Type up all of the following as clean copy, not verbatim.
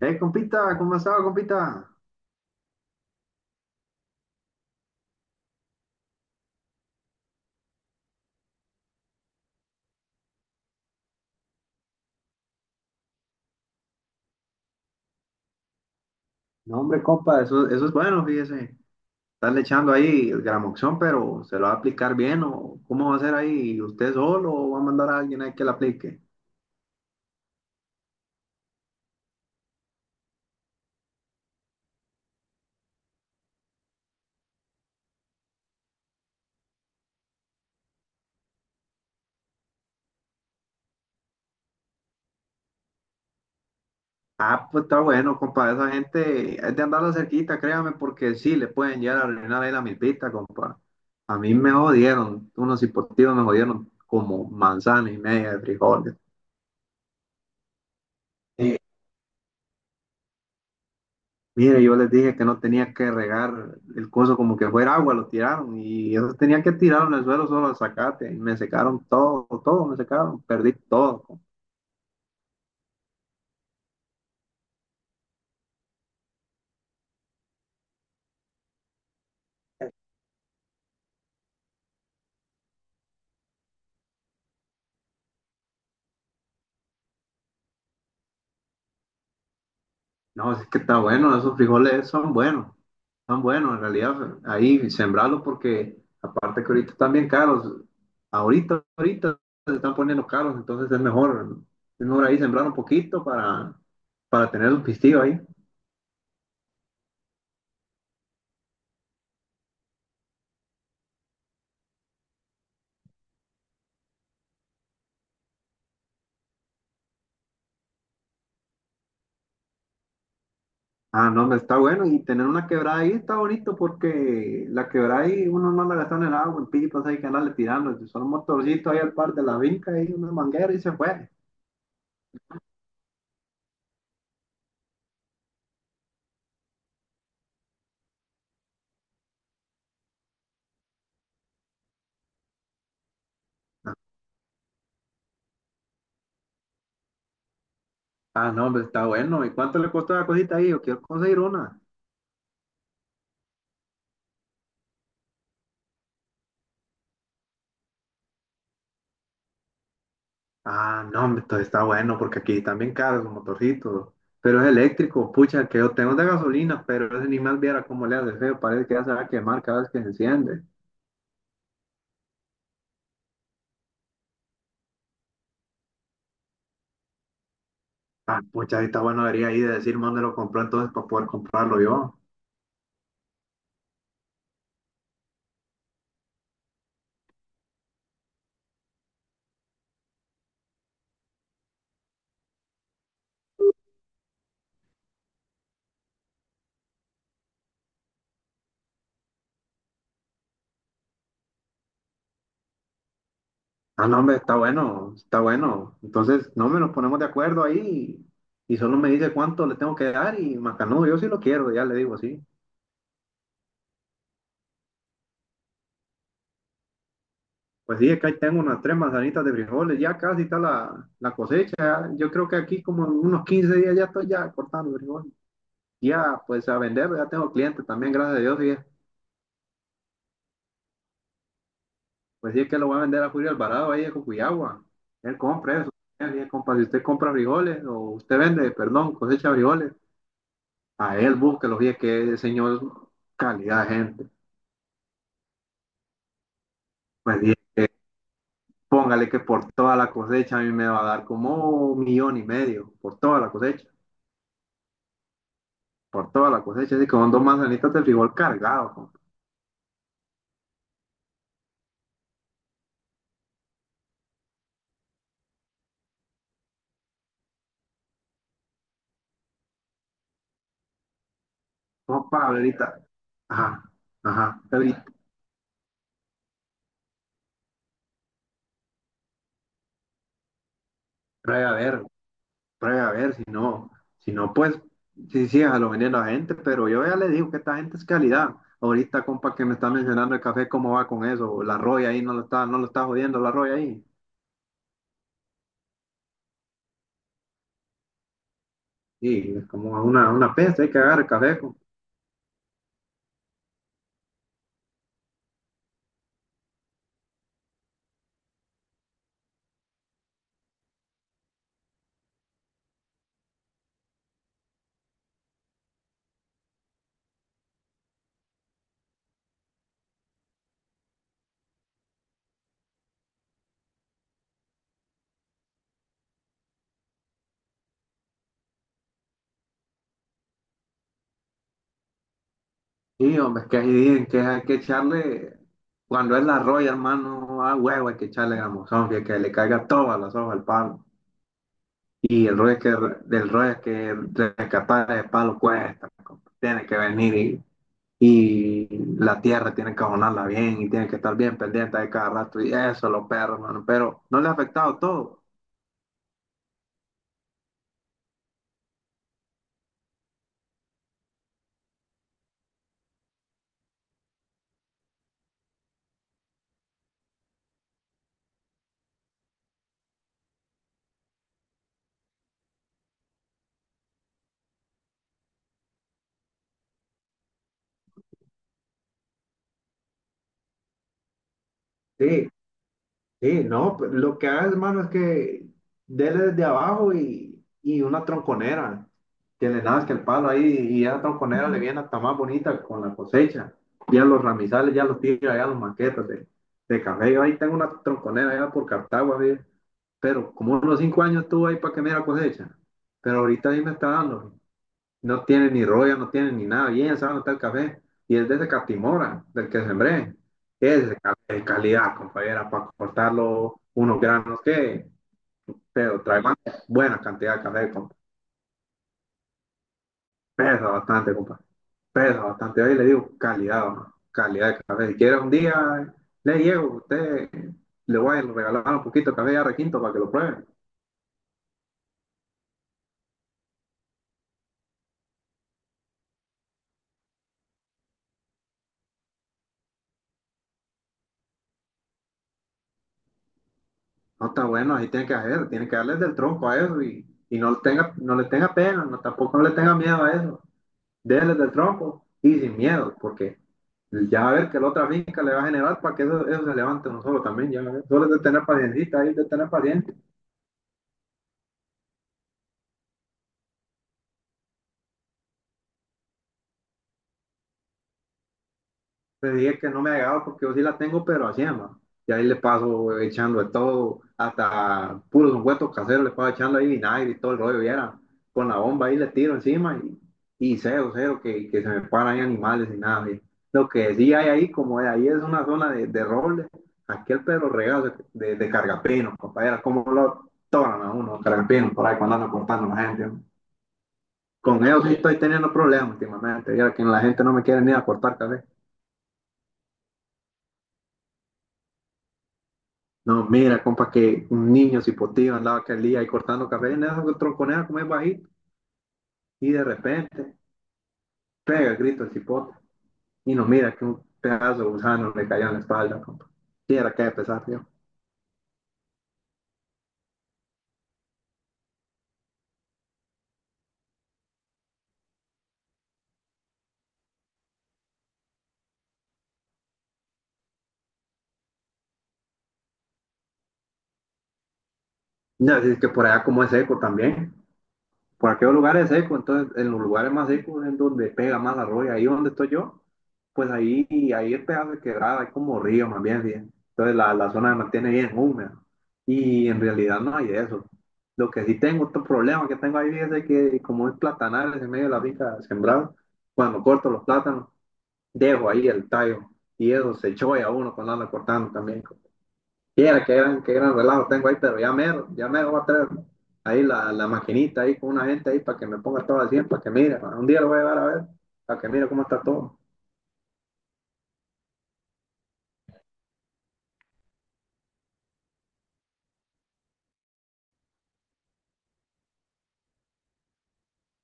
Compita, ¿cómo ha estado, compita? No, hombre, compa, eso es bueno, fíjese. Están echando ahí el gramoxón, pero ¿se lo va a aplicar bien o cómo va a ser ahí? ¿Usted solo o va a mandar a alguien ahí que la aplique? Ah, pues está bueno, compa, esa gente es de andarla cerquita, créame, porque sí, le pueden llegar a arruinar ahí la milpita, compa. A mí me jodieron, unos hipotivos me jodieron como manzana y media de frijoles. Mire, yo les dije que no tenía que regar el coso como que fuera agua, lo tiraron y eso tenía que tirar en el suelo solo al zacate y me secaron todo, todo me secaron, perdí todo. No, es que está bueno, esos frijoles son buenos en realidad, ahí sembrarlos porque aparte que ahorita están bien caros, ahorita se están poniendo caros, entonces es mejor ahí sembrar un poquito para tener un pistillo ahí. Ah, no, me está bueno. Y tener una quebrada ahí está bonito porque la quebrada ahí uno no la gasta en el agua, en pipas hay que andarle tirando. Si son un motorcito ahí al par de la vinca ahí, una manguera y se fue. Ah, no, hombre, está bueno. ¿Y cuánto le costó la cosita ahí? Yo quiero conseguir una. Ah, no, hombre, entonces está bueno porque aquí también caro los motorcitos. Pero es eléctrico, pucha, el que yo tengo es de gasolina, pero ese ni más viera cómo le hace feo. Parece que ya se va a quemar cada vez que se enciende. Ah, pucha, ahí está bueno, debería ahí de decir dónde lo compró entonces para poder comprarlo yo. Ah, no, hombre, está bueno, está bueno. Entonces, no, hombre, nos ponemos de acuerdo ahí y, solo me dice cuánto le tengo que dar y macanudo, yo sí lo quiero, ya le digo, sí. Pues sí, es que ahí tengo unas 3 manzanitas de frijoles, ya casi está la cosecha. Yo creo que aquí como en unos 15 días ya estoy ya cortando frijoles. Ya, pues a vender, ya tengo clientes también, gracias a Dios. Y, pues sí, es que lo voy a vender a Julio Alvarado ahí de Cocuyagua. Él compra eso. Él, compa, si usted compra frijoles o usted vende, perdón, cosecha frijoles. A él búsquelo, y que el señor calidad de gente. Pues bien, póngale que por toda la cosecha a mí me va a dar como un millón y medio, por toda la cosecha, por toda la cosecha. Así que son 2 manzanitas de frijol cargados, compa. No, ahorita, ajá, ajá, ahorita, pruebe a ver, pruebe a ver, si no, si no, pues, sí, sí, a lo viene a gente, pero yo ya le digo que esta gente es calidad. Ahorita, compa, que me está mencionando el café, ¿cómo va con eso? La roya ahí, no lo está jodiendo la roya ahí. Sí, es como a una peste, hay que agarrar el caleco. Sí, hombre, es que ahí dicen que hay que echarle, cuando es la roya, hermano, a huevo hay que echarle gamuzón, que le caiga todas las hojas al palo. Y el rollo es que, del rollo es que rescatar el palo cuesta, compa. Tiene que venir y, la tierra tiene que abonarla bien y tiene que estar bien pendiente de cada rato y eso, los perros, hermano, pero no le ha afectado todo. Sí, sí, no, pues, lo que hagas, mano, es que dele desde abajo y una tronconera, que le nazca el palo ahí y esa tronconera le viene hasta más bonita con la cosecha. Ya los ramizales, ya los tira, ya los maquetas de café. Yo ahí tengo una tronconera allá por Cartago, así, pero como unos 5 años estuvo ahí para que me diera cosecha, pero ahorita ahí me está dando. No tiene ni rollo, no tiene ni nada. Bien, sabe dónde está el café. Y es de ese Catimora, del que sembré. Es de calidad, compañera, para cortarlo unos granos que, pero trae más buena cantidad de café, compa. Pesa bastante, compa. Pesa bastante. Ahí le digo calidad, ¿no? Calidad de café. Si quiere un día, le llevo, usted le voy a regalar un poquito de café ya requinto para que lo pruebe. No está bueno, así tiene que hacer, tiene que darle del tronco a eso y, no, le tenga, no le tenga pena, no, tampoco no le tenga miedo a eso. Déjenles del tronco y sin miedo, porque ya va a ver que la otra finca le va a generar para que eso se levante uno solo también, ya va a ver. Solo es de tener paciencia, ahí de tener paciencia. Le dije que no me agregaba porque yo sí la tengo, pero así, ma. Y ahí le paso echando de todo, hasta puros ungüentos caseros, le paso echando ahí vinagre y todo el rollo, y era con la bomba ahí le tiro encima y cero, cero, que se me paran ahí animales y nada. Y lo que sí hay ahí, como ahí es una zona de roble, aquel Pedro Regazo de cargapino, compañera, como lo toman a uno, cargapino, por ahí cuando andan cortando a la gente. ¿No? Con ellos sí estoy teniendo problemas últimamente, ya que la gente no me quiere ni a cortar café. No, mira, compa, que un niño se hipotiva andaba aquel día ahí cortando café en esa tronconera como es bajito y de repente pega el grito el cipote y nos mira que un pedazo de gusano le cayó en la espalda, compa. Y era que de pesar, tío. No, es que por allá como es eco también. Por aquellos lugares secos, entonces en los lugares más secos es donde pega más la roya. Ahí donde estoy yo, pues ahí es pedazo de quebrada, hay como río más bien. ¿Sí? Entonces la zona se mantiene bien húmeda. Y en realidad no hay de eso. Lo que sí tengo, otro problema que tengo ahí es de que como es platanales en medio de la finca sembrado, cuando corto los plátanos, dejo ahí el tallo. Y eso se choya uno cuando anda cortando también. Mira, qué gran relajo tengo ahí, pero ya mero voy a traer ahí la maquinita ahí con una gente ahí para que me ponga todo al 100, para que mire, un día lo voy a llevar a ver, para que mire cómo está todo.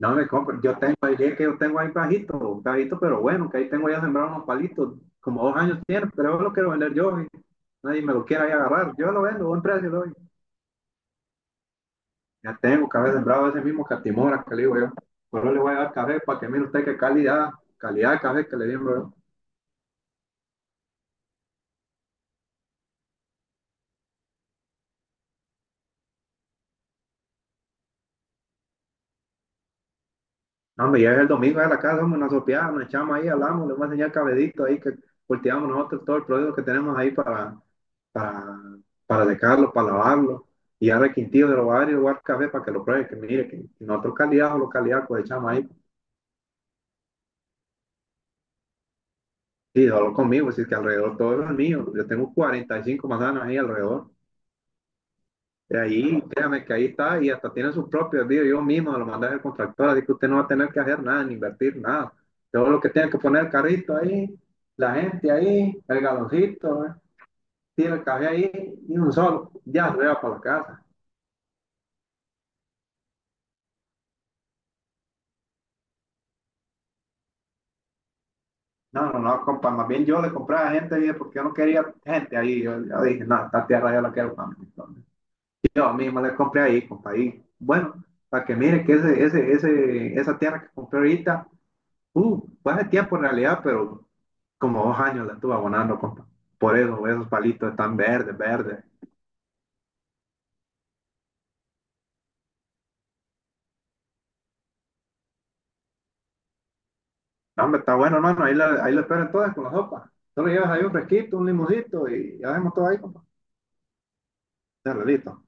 No me compro, yo tengo ahí, es que yo tengo ahí bajito, bajito, pero bueno, que ahí tengo ya sembrado unos palitos, como 2 años tiene, pero yo lo quiero vender yo, y nadie me lo quiera ahí agarrar, yo lo vendo, buen precio lo doy. Ya tengo que haber sembrado ese mismo catimora que le digo yo, pero le voy a dar café para que mire usted qué calidad, calidad de café que le dimos. No, me llega el domingo a la casa, hombre, nos sopeamos, nos echamos ahí, hablamos, le vamos a enseñar el cabedito ahí que cultivamos nosotros todo el producto que tenemos ahí para, para, para secarlo, para lavarlo. Y ahora el quintillo de los barrios, guardar café para que lo pruebe, que mire, que nosotros calidad o localidad pues echamos ahí. Y solo conmigo, así que alrededor todo es mío. Yo tengo 45 manzanas ahí alrededor. De ahí, créame que ahí está y hasta tiene sus propios vídeos. Yo mismo se lo mandé al contractor, así que usted no va a tener que hacer nada, ni invertir nada. Todo lo que tiene que poner el carrito ahí, la gente ahí, el galoncito, ¿eh? Tiene el café ahí y un solo, ya se lleva para la casa. No, no, no, compa, más bien yo le compré a gente ahí porque yo no quería gente ahí. Yo dije, no, esta tierra yo la quiero para mí. Entonces, yo mismo le compré ahí, compa, ahí. Bueno, para que mire que esa tierra que compré ahorita, fue hace tiempo en realidad, pero como 2 años la estuve abonando, compa. Por eso, esos palitos están verdes, verdes. No, hombre, está bueno, hermano. Ahí la esperan todas con la sopa. Solo llevas ahí un fresquito, un limoncito y ya vemos todo ahí, compa. Ya, listo.